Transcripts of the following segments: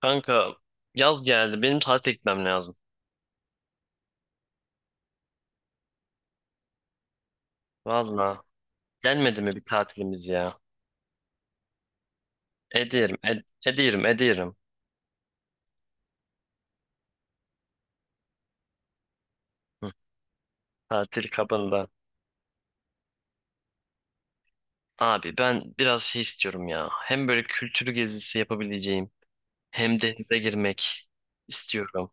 Kanka yaz geldi. Benim tatile gitmem lazım. Valla. Gelmedi mi bir tatilimiz ya? Ediyorum, ediyorum, ediyorum. Hı, tatil kabında. Abi ben biraz şey istiyorum ya. Hem böyle kültürü gezisi yapabileceğim hem denize girmek istiyorum.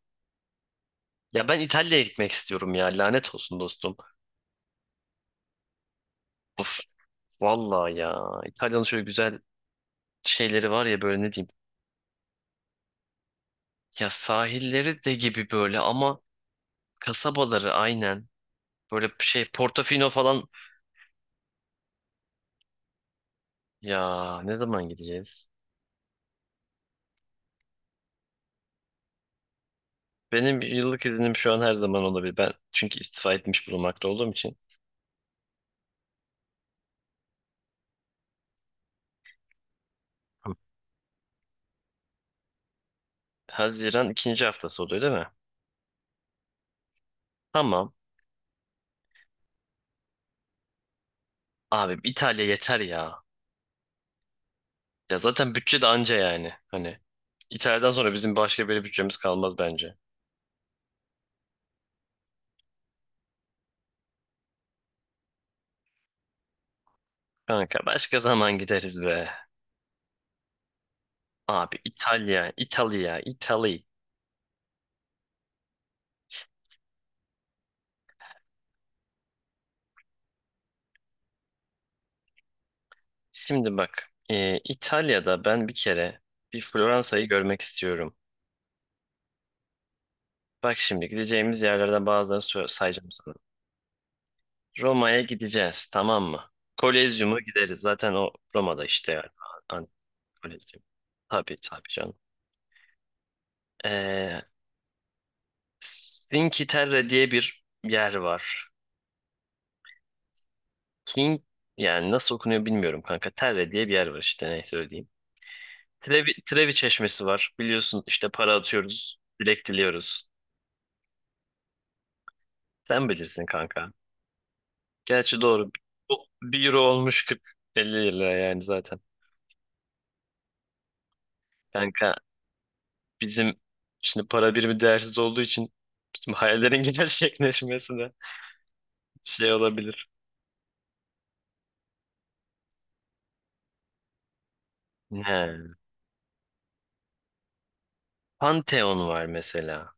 Ya ben İtalya'ya gitmek istiyorum ya. Lanet olsun dostum. Of valla ya. İtalya'nın şöyle güzel şeyleri var ya böyle ne diyeyim. Ya sahilleri de gibi böyle ama kasabaları aynen. Böyle şey Portofino falan. Ya ne zaman gideceğiz? Benim yıllık iznim şu an her zaman olabilir. Ben çünkü istifa etmiş bulunmakta olduğum için. Hı. Haziran ikinci haftası oluyor değil mi? Tamam. Abi İtalya yeter ya. Ya zaten bütçe de anca yani. Hani İtalya'dan sonra bizim başka bir bütçemiz kalmaz bence. Kanka başka zaman gideriz be. Abi İtalya, İtalya, İtalya. Şimdi bak. İtalya'da ben bir kere bir Floransa'yı görmek istiyorum. Bak şimdi gideceğimiz yerlerden bazılarını sayacağım sana. Roma'ya gideceğiz, tamam mı? Kolezyum'a gideriz. Zaten o Roma'da işte yani. An- Kolezyum. Tabii tabii canım. Ee, Cinque Terre diye bir yer var. King yani nasıl okunuyor bilmiyorum kanka. Terre diye bir yer var işte neyse öyle diyeyim. Trevi, Trevi Çeşmesi var. Biliyorsun işte para atıyoruz. Dilek diliyoruz. Sen bilirsin kanka. Gerçi doğru. Bu bir euro olmuş kırk 50 lira yani zaten. Kanka bizim şimdi para birimi değersiz olduğu için bizim hayallerin gerçekleşmesine şey olabilir. He. Pantheon var mesela.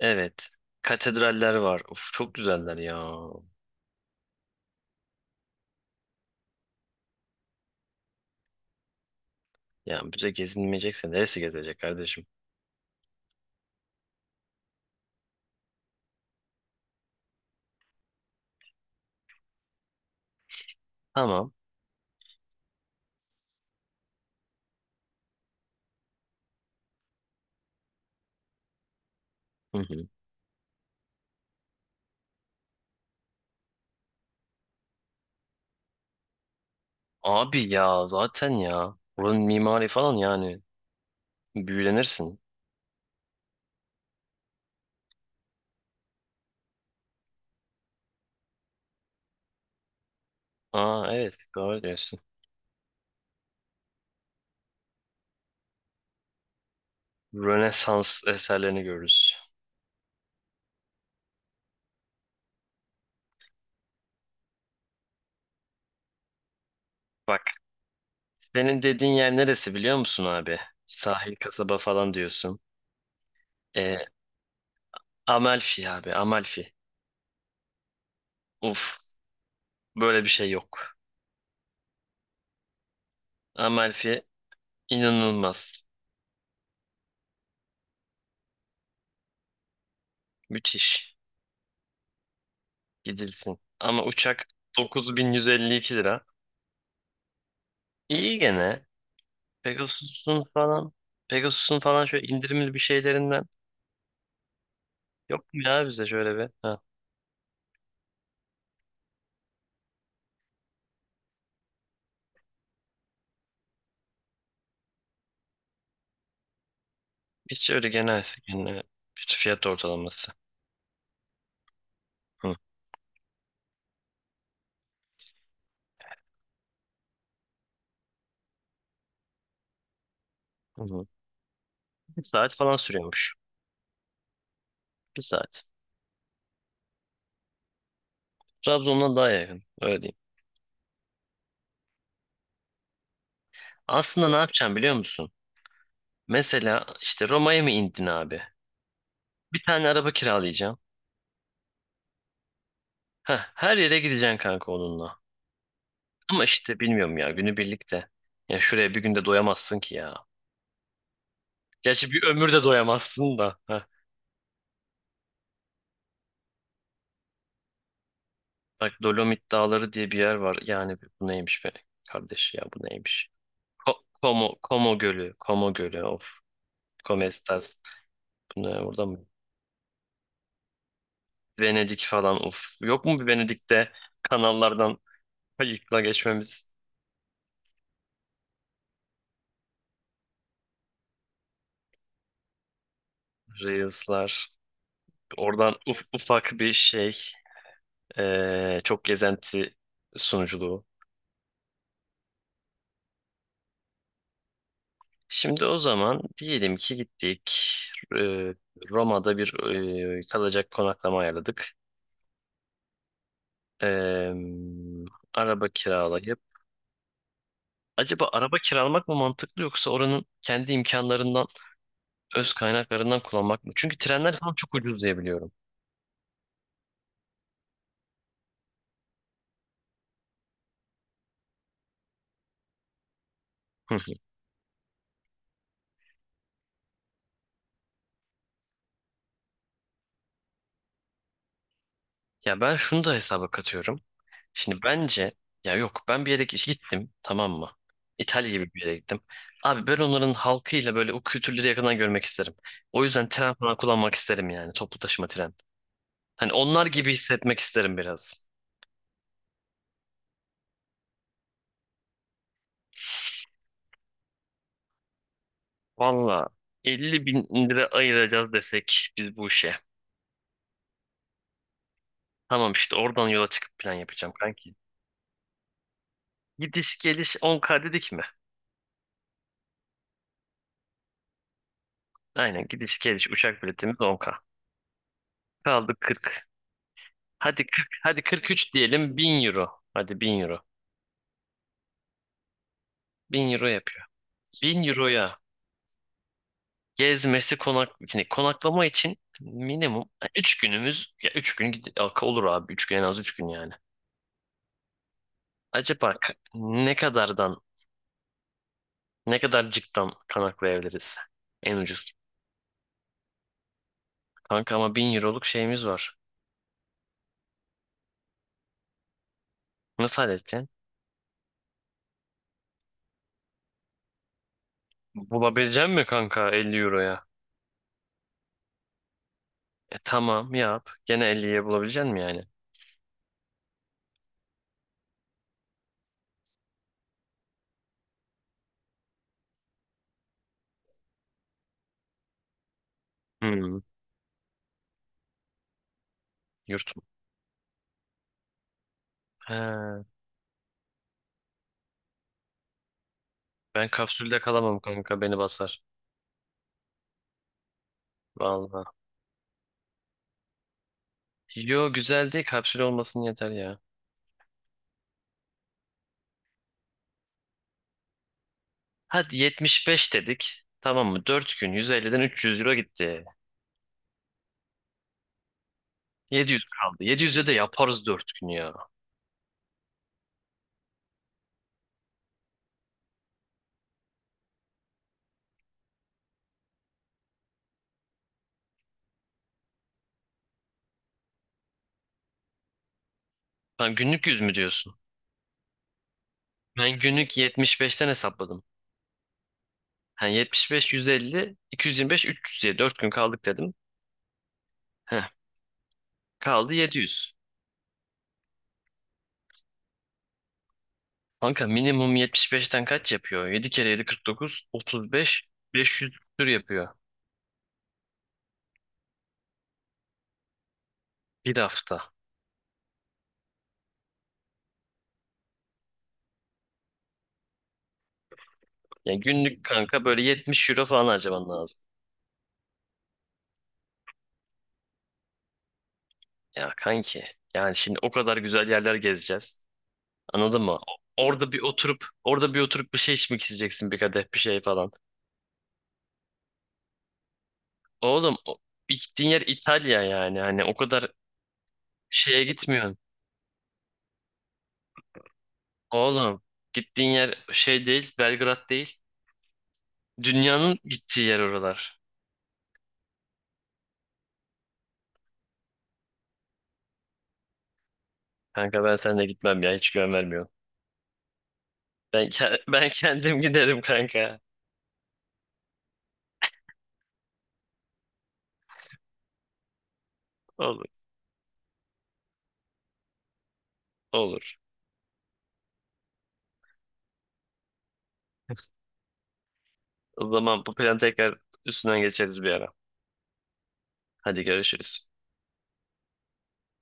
Evet. Katedraller var. Uf, çok güzeller ya. Ya bize gezinmeyecekse neresi gezecek kardeşim? Tamam. Hı hı. Abi ya zaten ya. Buranın mimari falan yani. Büyülenirsin. Aa, evet, doğru diyorsun. Rönesans eserlerini görürüz. Bak, senin dediğin yer neresi biliyor musun abi? Sahil kasaba falan diyorsun. Ee, Amalfi abi, Amalfi. Uf, böyle bir şey yok. Amalfi inanılmaz. Müthiş. Gidilsin. Ama uçak 9152 lira. İyi gene. Pegasus'un falan Pegasus'un falan şöyle indirimli bir şeylerinden yok mu ya bize şöyle bir? Ha. Hiç öyle genel, genel bir fiyat ortalaması. Hı. Hı hı. Bir saat falan sürüyormuş. Bir saat. Trabzon'dan daha yakın. Öyle diyeyim. Aslında ne yapacağım biliyor musun? Mesela işte Roma'ya mı indin abi? Bir tane araba kiralayacağım. Heh, her yere gideceksin kanka onunla. Ama işte bilmiyorum ya, günü birlikte. Ya şuraya bir günde doyamazsın ki ya. Gerçi bir ömür de doyamazsın da. Heh. Bak, Dolomit Dağları diye bir yer var. Yani bu neymiş be kardeş, ya bu neymiş? Como Gölü. Como Gölü, of. Comestas. Bunlar orada mı? Venedik falan, of. Yok mu bir Venedik'te kanallardan kayıkla geçmemiz? Reels'lar. Oradan ufak bir şey. Çok gezenti sunuculuğu. Şimdi o zaman diyelim ki gittik. Ee, Roma'da bir kalacak konaklama ayarladık. Ee, araba kiralayıp. Acaba araba kiralamak mı mantıklı, yoksa oranın kendi imkanlarından, öz kaynaklarından kullanmak mı? Çünkü trenler falan çok ucuz diye biliyorum. Hı hı. Ya ben şunu da hesaba katıyorum. Şimdi bence ya, yok, ben bir yere gittim, tamam mı? İtalya gibi bir yere gittim. Abi ben onların halkıyla böyle o kültürleri yakından görmek isterim. O yüzden tren falan kullanmak isterim, yani toplu taşıma, tren. Hani onlar gibi hissetmek isterim biraz. Valla 50 bin lira ayıracağız desek biz bu işe. Tamam işte oradan yola çıkıp plan yapacağım kanki. Gidiş geliş 10K dedik mi? Aynen, gidiş geliş uçak biletimiz 10K. Kaldı 40. Hadi 40, hadi 43 diyelim 1000 euro. Hadi 1000 euro. Bin euro yapıyor. 1000 euroya gezmesi yani konaklama için minimum 3 günümüz, ya 3 gün olur abi, 3 gün, en az 3 gün yani. Acaba ne kadarcıktan konaklayabiliriz, en ucuz? Kanka ama 1000 euroluk şeyimiz var. Nasıl halledeceksin? Bulabilecek mi kanka 50 euroya? E tamam, yap. Gene elliye bulabilecek mi yani? Hmm. Yurt mu? He, ben kapsülde kalamam kanka, beni basar. Vallahi. Yo, güzel değil, kapsül olmasın yeter ya. Hadi 75 dedik. Tamam mı? 4 gün 150'den 300 euro gitti. 700 kaldı. 700'e de yaparız 4 gün ya. Lan günlük 100 mü diyorsun? Ben günlük 75'ten hesapladım. Yani 75, 150, 225, 300 diye 4 gün kaldık dedim. Heh, kaldı 700. Kanka minimum 75'ten kaç yapıyor? 7 kere 7 49, 35, 500 tür yapıyor. Bir hafta. Yani günlük kanka böyle 70 euro falan harcaman lazım. Ya kanki. Yani şimdi o kadar güzel yerler gezeceğiz. Anladın mı? Orada bir oturup bir şey içmek isteyeceksin, bir kadeh bir şey falan. Oğlum gittiğin yer İtalya, yani hani o kadar şeye gitmiyorsun. Oğlum gittiğin yer şey değil, Belgrad değil. Dünyanın gittiği yer oralar. Kanka ben seninle gitmem ya, hiç güven vermiyorum. Ben kendim giderim kanka. Olur. Olur. O zaman bu planı tekrar üstünden geçeriz bir ara. Hadi görüşürüz.